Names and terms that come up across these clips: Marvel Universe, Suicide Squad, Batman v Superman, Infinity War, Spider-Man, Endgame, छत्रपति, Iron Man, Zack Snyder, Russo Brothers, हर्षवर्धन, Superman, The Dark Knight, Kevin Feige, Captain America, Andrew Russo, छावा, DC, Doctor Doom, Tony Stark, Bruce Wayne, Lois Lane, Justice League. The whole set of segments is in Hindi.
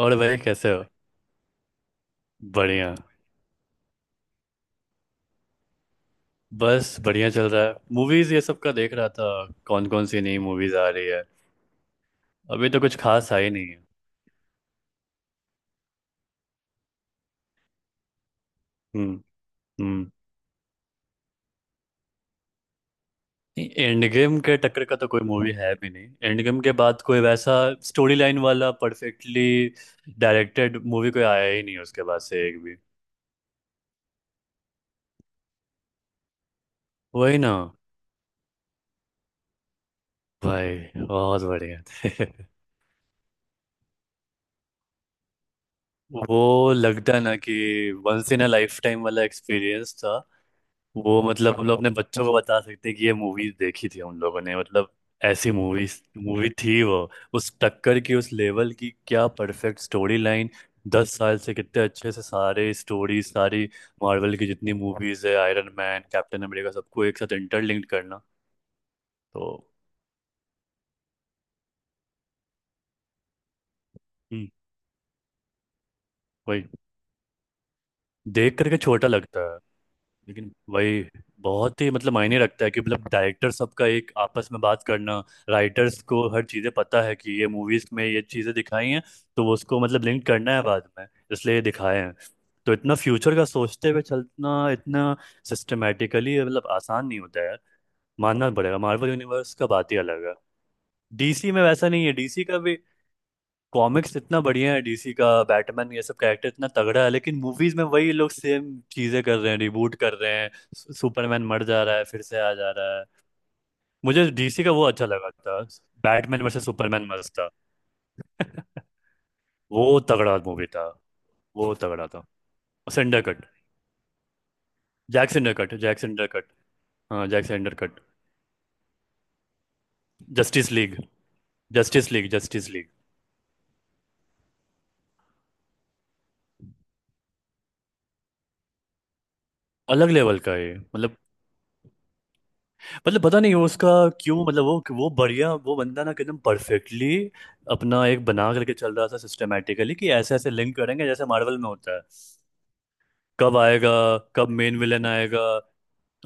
और भाई कैसे हो। बढ़िया। बस बढ़िया चल रहा है मूवीज ये सब का देख रहा था। कौन कौन सी नई मूवीज आ रही है। अभी तो कुछ खास आई नहीं है। हम्म। हम्म। एंड गेम के टक्कर का तो कोई मूवी है भी नहीं, एंड गेम के बाद कोई वैसा स्टोरी लाइन वाला परफेक्टली डायरेक्टेड मूवी कोई आया ही नहीं उसके बाद से एक भी। वही ना। भाई बहुत बढ़िया थे। वो लगता है ना कि once in a lifetime वाला एक्सपीरियंस था। वो मतलब हम लोग अपने बच्चों को बता सकते हैं कि ये मूवी देखी थी हम लोगों ने, मतलब ऐसी मूवी मूवी थी वो। उस टक्कर की उस लेवल की क्या परफेक्ट स्टोरी लाइन। 10 साल से कितने अच्छे से सारे स्टोरी सारी मार्वल की जितनी मूवीज है आयरन मैन, कैप्टन अमेरिका, सबको एक साथ इंटरलिंक्ड करना तो। हम्म, वही। देख करके छोटा लगता लेकिन वही बहुत ही मतलब मायने रखता है कि मतलब डायरेक्टर सबका एक आपस में बात करना, राइटर्स को हर चीज़ें पता है कि ये मूवीज में ये चीज़ें दिखाई हैं, तो वो उसको मतलब लिंक करना है बाद में, इसलिए ये दिखाए हैं। तो इतना फ्यूचर का सोचते हुए चलना इतना सिस्टमेटिकली मतलब आसान नहीं होता है यार। मानना पड़ेगा, मार्वल यूनिवर्स का बात ही अलग है। डीसी में वैसा नहीं है। डीसी का भी कॉमिक्स इतना बढ़िया है, डीसी का बैटमैन ये सब कैरेक्टर इतना तगड़ा है, लेकिन मूवीज में वही लोग सेम चीजें कर रहे हैं, रिबूट कर रहे हैं, सुपरमैन मर जा रहा है फिर से आ जा रहा है। मुझे डीसी का वो अच्छा लगा था, बैटमैन वर्सेस सुपरमैन मस्त था। वो तगड़ा मूवी था। वो तगड़ा था। Snyder cut Zack Snyder cut Zack Snyder cut. हाँ Zack Snyder cut. Justice League Justice League Justice League. अलग लेवल का है ये, मतलब। मतलब पता नहीं वो उसका क्यों, मतलब वो बढ़िया। वो बंदा ना एकदम परफेक्टली अपना एक बना करके चल रहा था सिस्टमेटिकली कि ऐसे ऐसे लिंक करेंगे जैसे मार्वल में होता है। कब आएगा, कब मेन विलन आएगा।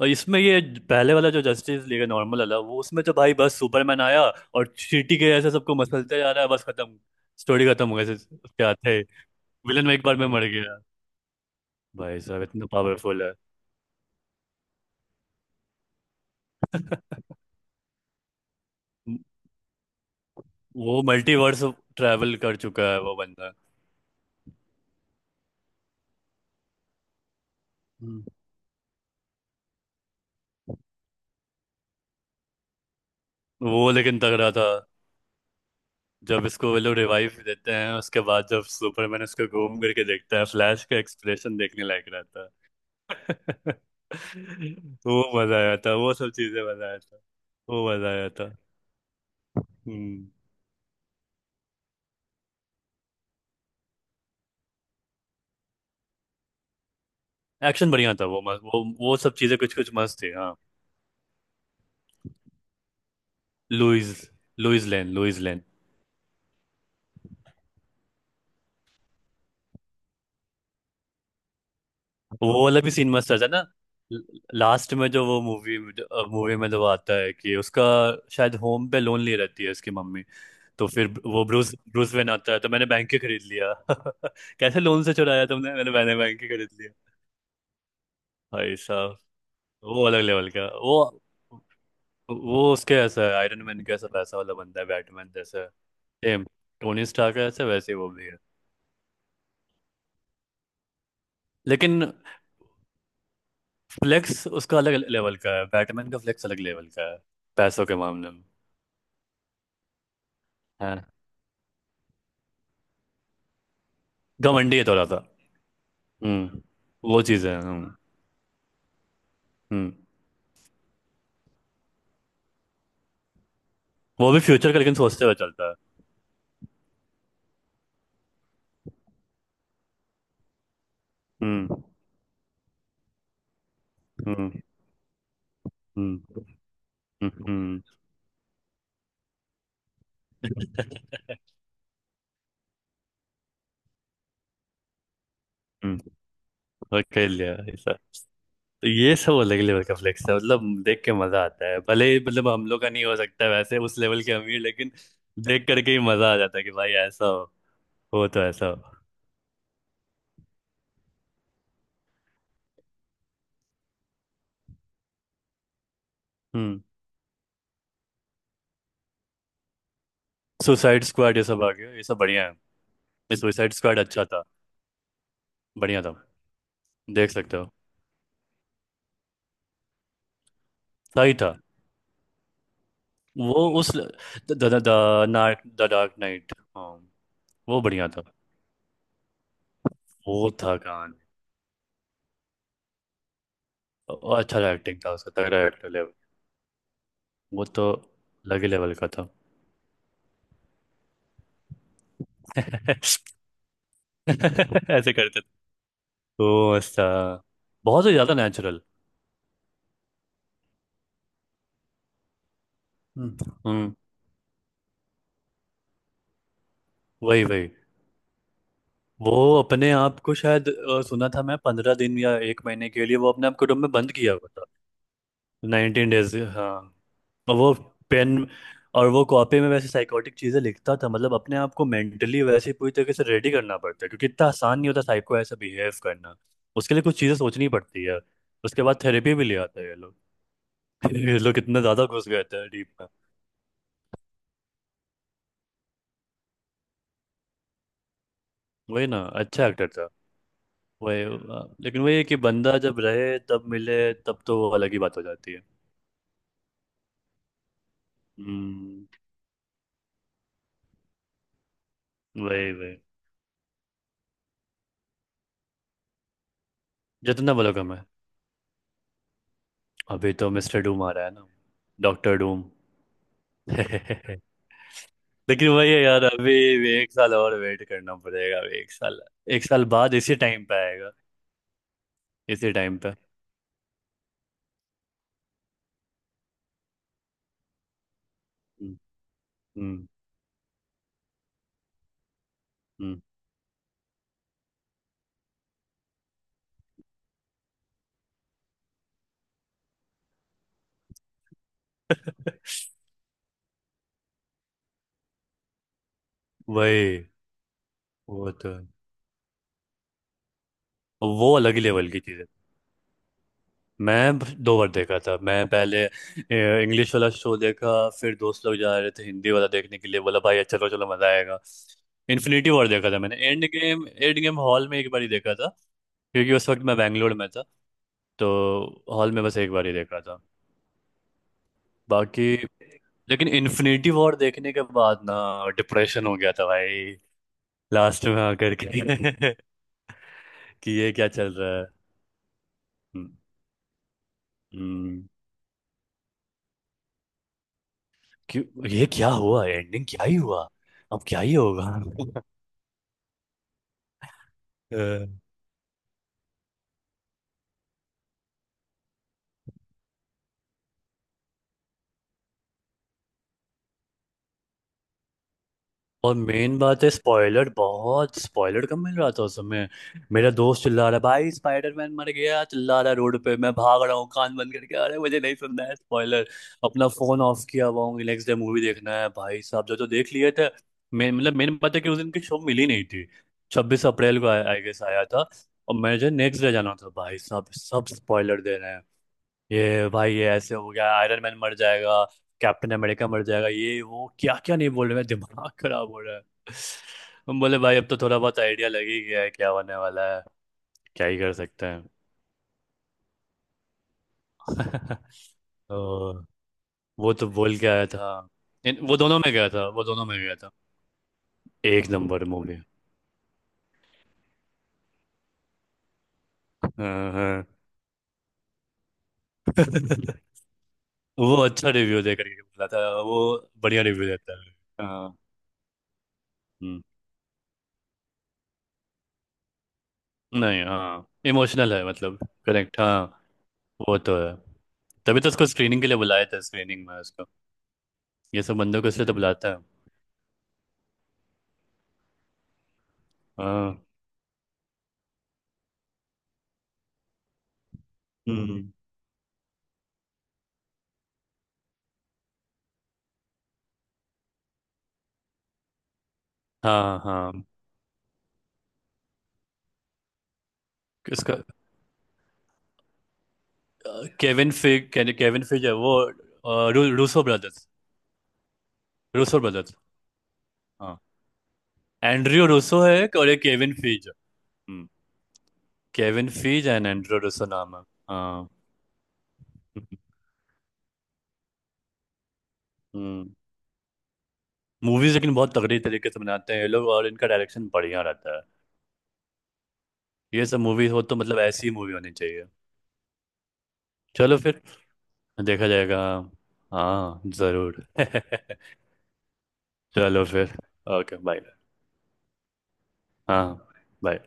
और इसमें ये पहले वाला जो जस्टिस लीग है नॉर्मल वाला, वो उसमें तो भाई बस सुपरमैन आया और चींटी के ऐसे सबको मसलते जा रहा है, बस खत्म। स्टोरी खत्म हो गई क्या थे, विलन में एक बार में मर गया। भाई साहब इतना पावरफुल है, वो मल्टीवर्स ट्रैवल कर चुका है वो बंदा। हम्म। वो लेकिन तगड़ा था जब इसको वो लोग रिवाइव देते हैं, उसके बाद जब सुपरमैन उसको घूम करके देखता है फ्लैश का एक्सप्रेशन देखने लायक रहता है। वो मजा आया था, वो सब चीजें मजा आया था। वो मजा आया था। हम्म। एक्शन बढ़िया था, वो मस्त, वो सब चीजें कुछ कुछ मस्त थी हाँ। Lois, Lois Lane, Lois Lane. वो वाला भी सीन मस्त था ना। लास्ट में जो वो मूवी मूवी में जो वो आता है कि उसका शायद होम पे लोन ले रहती है उसकी मम्मी, तो फिर वो ब्रूस ब्रूस वेन आता है तो मैंने बैंक के खरीद लिया। कैसे लोन से चुराया तुमने, मैंने मैंने बैंक के खरीद लिया। भाई साहब वो अलग लेवल का। वो उसके ऐसा है, आयरन मैन के ऐसा वैसा वाला बंदा है बैटमैन जैसा। सेम टोनी स्टार्क है, ऐसे वैसे ही वो भी है लेकिन। फ्लेक्स उसका अलग लेवल का है, बैटमैन का फ्लेक्स अलग लेवल का है पैसों के मामले में है। घमंडी है थोड़ा सा। हम्म। वो चीज़ है। हम्म। हम्म। वो भी फ्यूचर का लेकिन सोचते हुए चलता है। हम्म। हम्म। हम्म हम्म। हम्म। हम्म, और कर लिया ऐसा। तो ये सब अलग लेवल का फ्लेक्स है, मतलब देख के मजा आता है भले ही, मतलब हम लोग का नहीं हो सकता वैसे उस लेवल के अमीर लेकिन देख करके ही मजा आ जाता है कि भाई ऐसा हो तो ऐसा हो। हम्म। सुसाइड स्क्वाड ये सब आ गया ये सब बढ़िया है। इस सुसाइड स्क्वाड अच्छा था, बढ़िया था, देख सकते हो। सही था वो, उस द द डार्क नाइट, हाँ। वो बढ़िया था। वो था कहानी, और अच्छा एक्टिंग था उसका, तगड़ा एक्टर लेवल। वो तो अलग ही लेवल का था। ऐसे करते थे तो, अच्छा, बहुत ही ज्यादा नेचुरल। हम्म। हम्म। वही वही। वो अपने आप को शायद सुना था मैं 15 दिन या एक महीने के लिए वो अपने आप को रूम में बंद किया हुआ था। 19 डेज हाँ। और वो पेन और वो कॉपी में वैसे साइकोटिक चीजें लिखता था, मतलब अपने आप को मेंटली वैसे पूरी तरीके से रेडी करना पड़ता है क्योंकि इतना आसान नहीं होता साइक को ऐसा बिहेव करना। उसके लिए कुछ चीजें सोचनी पड़ती है। उसके बाद थेरेपी भी ले आता है ये लोग। ये लोग इतना ज्यादा घुस गए थे डीप। वही ना, अच्छा एक्टर था। वही लेकिन वही है कि बंदा जब रहे तब मिले तब तो वो अलग ही बात हो जाती है। हम्म। वही वही। जितना बोलो कम है। अभी तो मिस्टर डूम आ रहा है ना, डॉक्टर डूम। लेकिन वही है यार अभी भी एक साल और वेट करना पड़ेगा, अभी एक साल, एक साल बाद इसी टाइम पे आएगा। इसी टाइम पे। हम्म। हम्म। हम्म। वही। वो तो वो अलग ही लेवल की चीज है। मैं 2 बार देखा था मैं। पहले इंग्लिश वाला शो देखा, फिर दोस्त लोग जा रहे थे हिंदी वाला देखने के लिए, बोला भाई अच्छा चलो चलो मजा आएगा। इन्फिनिटी वॉर देखा था मैंने। Endgame, Endgame hall में एक बार ही देखा था क्योंकि उस वक्त मैं बैंगलोर में था तो। हॉल में बस एक बार ही देखा था बाकी। लेकिन इन्फिनिटी वॉर देखने के बाद ना डिप्रेशन हो गया था भाई, लास्ट में आकर के। कि ये क्या चल रहा है, हम्म, हम्म, क्यों ये क्या हुआ, एंडिंग क्या ही हुआ, अब क्या ही होगा। और मेन बात है स्पॉइलर बहुत, स्पॉइलर कम मिल रहा था उस समय। मेरा दोस्त चिल्ला रहा है, भाई स्पाइडरमैन मर गया, चिल्ला रहा है रोड पे, मैं भाग रहा हूँ कान बंद करके, अरे मुझे नहीं सुनना है स्पॉइलर। अपना फोन ऑफ किया हुआ हूँ, नेक्स्ट डे मूवी देखना है, भाई साहब जो जो देख लिए थे। मैं मतलब मेन बात है कि उस दिन की शो मिली नहीं थी। 26 अप्रैल को आई गेस आया था, और मुझे नेक्स्ट डे जाना था। भाई साहब सब स्पॉइलर दे रहे हैं, ये भाई ये ऐसे हो गया, आयरन मैन मर जाएगा, कैप्टन अमेरिका मर जाएगा, ये वो क्या क्या नहीं बोल रहे, मैं दिमाग खराब हो रहा है। हम बोले भाई अब तो थोड़ा बहुत आइडिया लग ही गया है क्या होने वाला है, क्या ही कर सकते हैं। तो वो तो बोल के आया था। वो दोनों में गया था, वो दोनों में गया था। एक नंबर मूवी। हाँ हाँ। वो अच्छा रिव्यू दे करके बोला था वो, बढ़िया रिव्यू देता है। हाँ। हम्म, नहीं हाँ इमोशनल है मतलब, करेक्ट हाँ। वो तो है, तभी तो उसको स्क्रीनिंग के लिए बुलाया था, स्क्रीनिंग में उसको ये सब बंदों को इसलिए तो बुलाता है। हाँ। हम्म। हाँ हाँ। इसका केविन फिग, केविन फिज है वो रूसो ब्रदर्स। रूसो ब्रदर्स हाँ। एंड्रयू रूसो है एक और एक केविन फिज। हम्म। Kevin Feige and Andrew Russo नाम है। हाँ। हम्म। मूवीज लेकिन बहुत तगड़ी तरीके से बनाते हैं ये लोग और इनका डायरेक्शन बढ़िया रहता है। ये सब मूवी हो तो मतलब ऐसी मूवी होनी चाहिए। चलो फिर, देखा जाएगा। हाँ जरूर। चलो फिर। Okay bye. हाँ। बाय।